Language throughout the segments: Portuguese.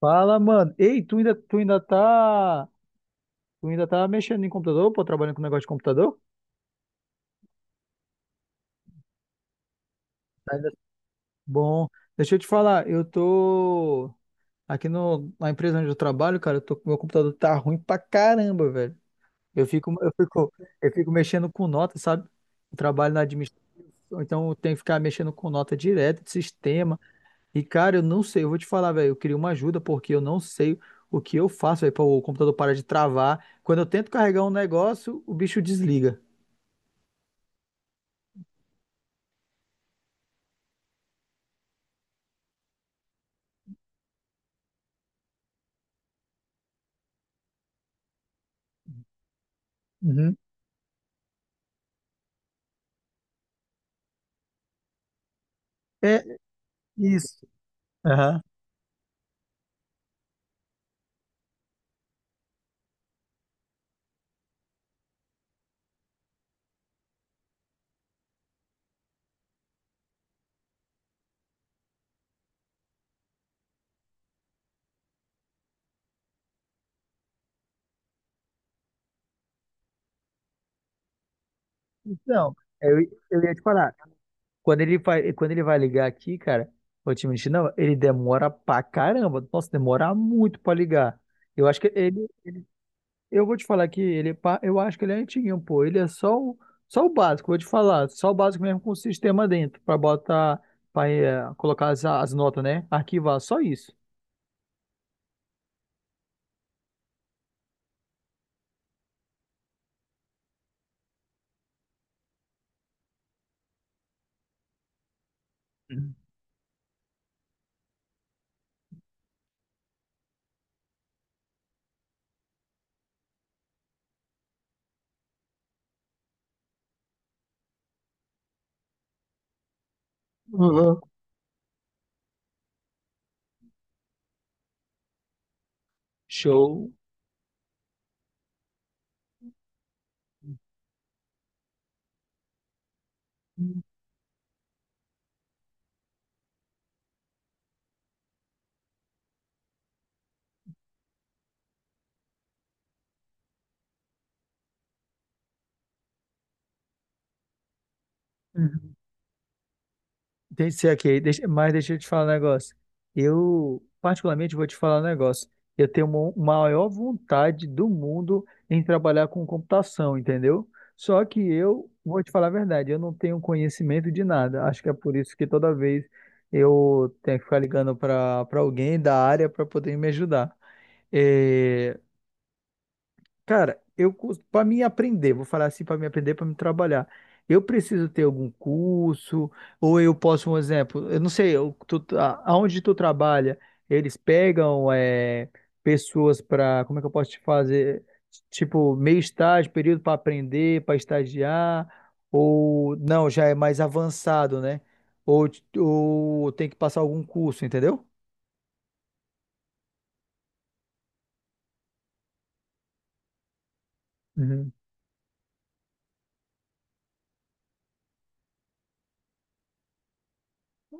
Fala, mano. Ei, tu ainda tá mexendo em computador, pô, trabalhando com negócio de computador? Ainda. Bom, deixa eu te falar, eu tô aqui no, na empresa onde eu trabalho, cara, eu tô, meu computador tá ruim pra caramba, velho. Eu fico, eu fico, eu fico mexendo com nota, sabe? Eu trabalho na administração, então eu tenho que ficar mexendo com nota direto de sistema. E, cara, eu não sei, eu vou te falar, velho, eu queria uma ajuda porque eu não sei o que eu faço, velho, para o computador parar de travar. Quando eu tento carregar um negócio, o bicho desliga. Uhum. É isso. Aham. Então, eu, eu ia te falar, quando ele vai ligar aqui, cara, vou te mentir, não, ele demora pra caramba. Nossa, demora muito pra ligar. Eu acho que ele, eu vou te falar que ele, eu acho que ele é antiguinho, pô. Ele é só o, só o básico, vou te falar. Só o básico mesmo com o sistema dentro, pra botar, pra colocar as notas, né? Arquivar, só isso. Uhum. Show. Deixa eu ser aqui, deixa, mas deixa eu te falar um negócio. Eu, particularmente, vou te falar um negócio. Eu tenho uma maior vontade do mundo em trabalhar com computação, entendeu? Só que eu, vou te falar a verdade, eu não tenho conhecimento de nada. Acho que é por isso que toda vez eu tenho que ficar ligando para alguém da área para poder me ajudar. Eh, Cara, eu para mim aprender, vou falar assim, para mim aprender, para me trabalhar. Eu preciso ter algum curso, ou eu posso, um exemplo, eu não sei, tu, aonde tu trabalha, eles pegam pessoas para, como é que eu posso te fazer, tipo, meio estágio, período para aprender, para estagiar, ou não, já é mais avançado, né? Ou, ou tem que passar algum curso, entendeu? Uhum.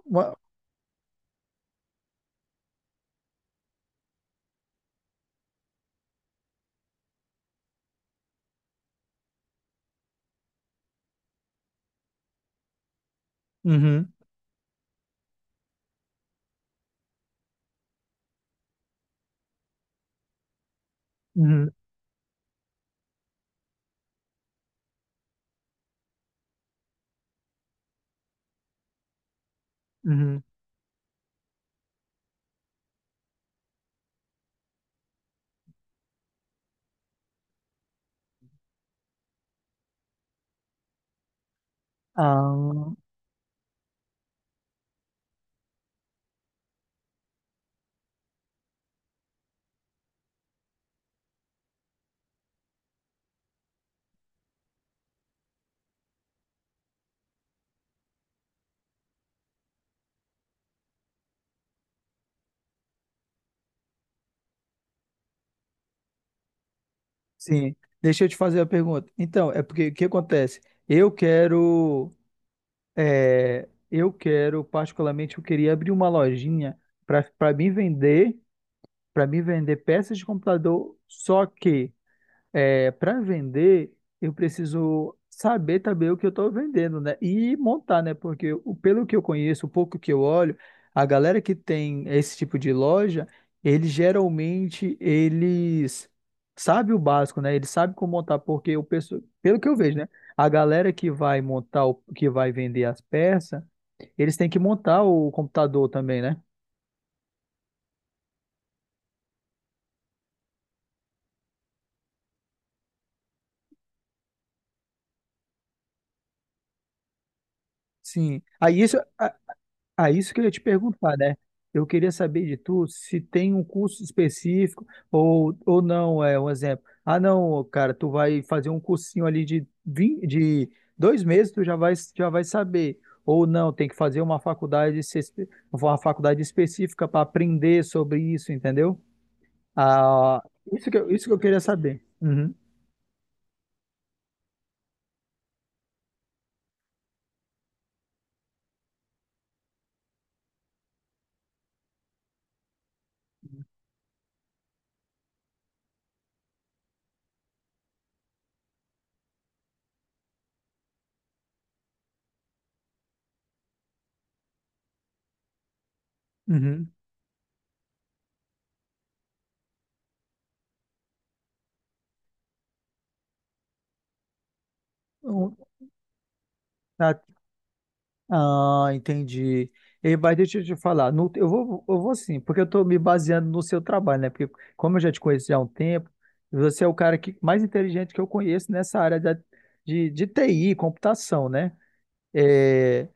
Uma- uhum, uhum. Uhum. Ah. Sim, deixa eu te fazer a pergunta. Então, é porque o que acontece? Eu quero, é, eu quero particularmente, eu queria abrir uma lojinha para para mim vender, para mim vender peças de computador. Só que é, para vender, eu preciso saber também o que eu estou vendendo, né? E montar, né? Porque o- pelo que eu conheço, o pouco que eu olho, a galera que tem esse tipo de loja, eles sabem o básico, né? Eles sabem como montar, porque o pessoal, pelo que eu vejo, né? A galera que vai montar, que vai vender as peças, eles têm que montar o computador também, né? Sim. Aí isso. Ah, isso que eu ia te perguntar, né? Eu queria saber de tu se tem um curso específico ou não, é um exemplo. Ah, não, cara, tu vai fazer um cursinho ali de, de dois meses, já vai saber. Ou não, tem que fazer uma faculdade, uma faculdade específica para aprender sobre isso, entendeu? Ah, isso que eu queria saber. Uhum, uhum. Então, tá. Ah, entendi. E, mas deixa eu te falar, eu vou sim, porque eu estou me baseando no seu trabalho, né? Porque como eu já te conheço já há um tempo, você é o cara que, mais inteligente que eu conheço nessa área de TI, computação, né? É,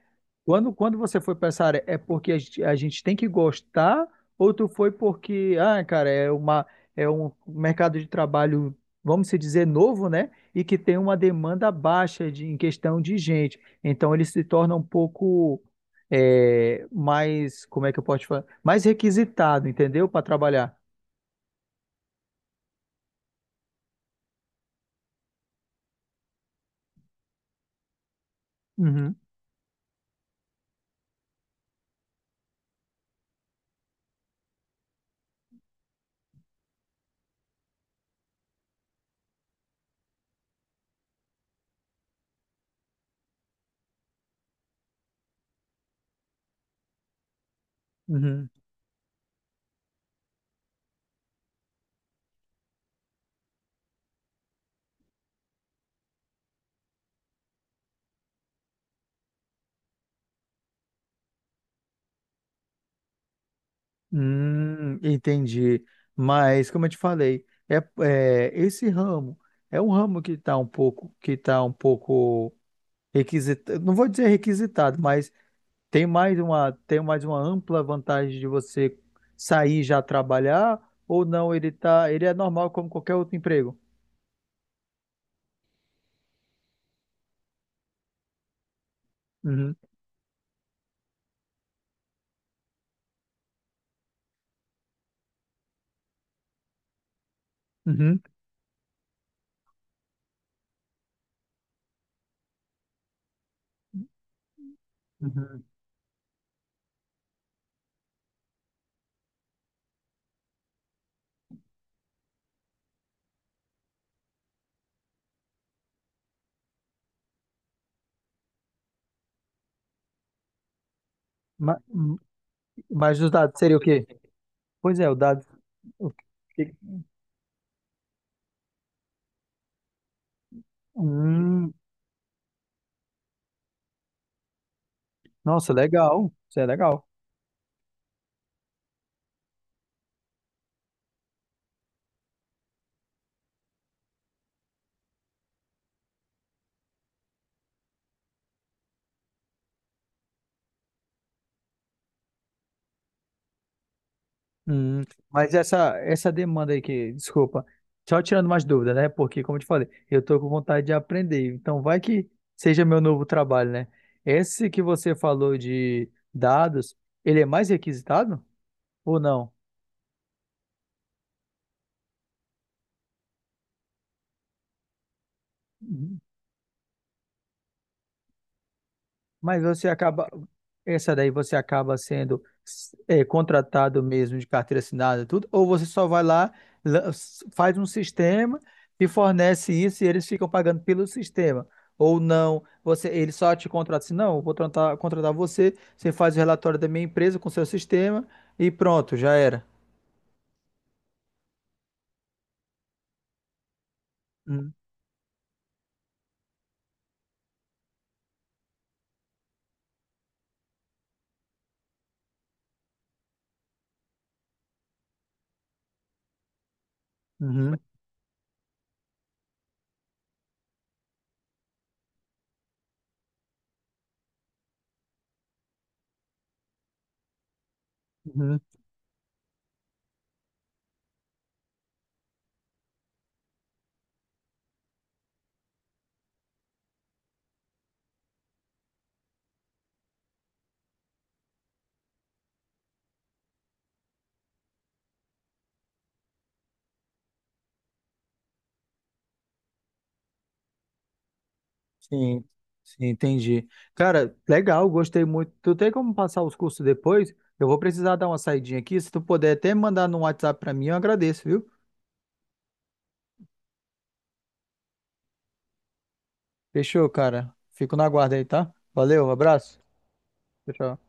quando você foi para essa área, é porque a gente tem que gostar ou tu foi porque, ah, cara, é um mercado de trabalho, vamos se dizer, novo, né? E que tem uma demanda baixa de, em questão de gente. Então ele se torna um pouco é, mais, como é que eu posso falar? Mais requisitado, entendeu? Para trabalhar. Uhum, uhum. Entendi. Mas como eu te falei, é, esse ramo é um ramo que tá um pouco requisitado. Não vou dizer requisitado, mas tem mais uma ampla vantagem de você sair e já trabalhar ou não? Ele é normal como qualquer outro emprego. Uhum, uhum, uhum. Ma- hum, mas os dados seria o quê? Pois é, o dado. o que- Hum, nossa, legal. Isso é legal. Hum, mas essa demanda aí que, desculpa, só tirando mais dúvidas, né? Porque, como eu te falei, eu tô com vontade de aprender. Então, vai que seja meu novo trabalho, né? Esse que você falou de dados, ele é mais requisitado ou não? Mas você acaba, essa daí você acaba sendo contratado mesmo de carteira assinada, tudo, ou você só vai lá, lan- faz um sistema e fornece isso e eles ficam pagando pelo sistema. Ou não, você, ele só te contrata assim, não, eu vou contratar, contratar você, você faz o relatório da minha empresa com o seu sistema e pronto, já era. Uhum, uhum, uhum. Sim, sim, entendi. Cara, legal, gostei muito. Tu tem como passar os cursos depois? Eu vou precisar dar uma saidinha aqui. Se tu puder até mandar no WhatsApp pra mim, eu agradeço, viu? Fechou, cara. Fico na guarda aí, tá? Valeu, abraço. Tchau, tchau.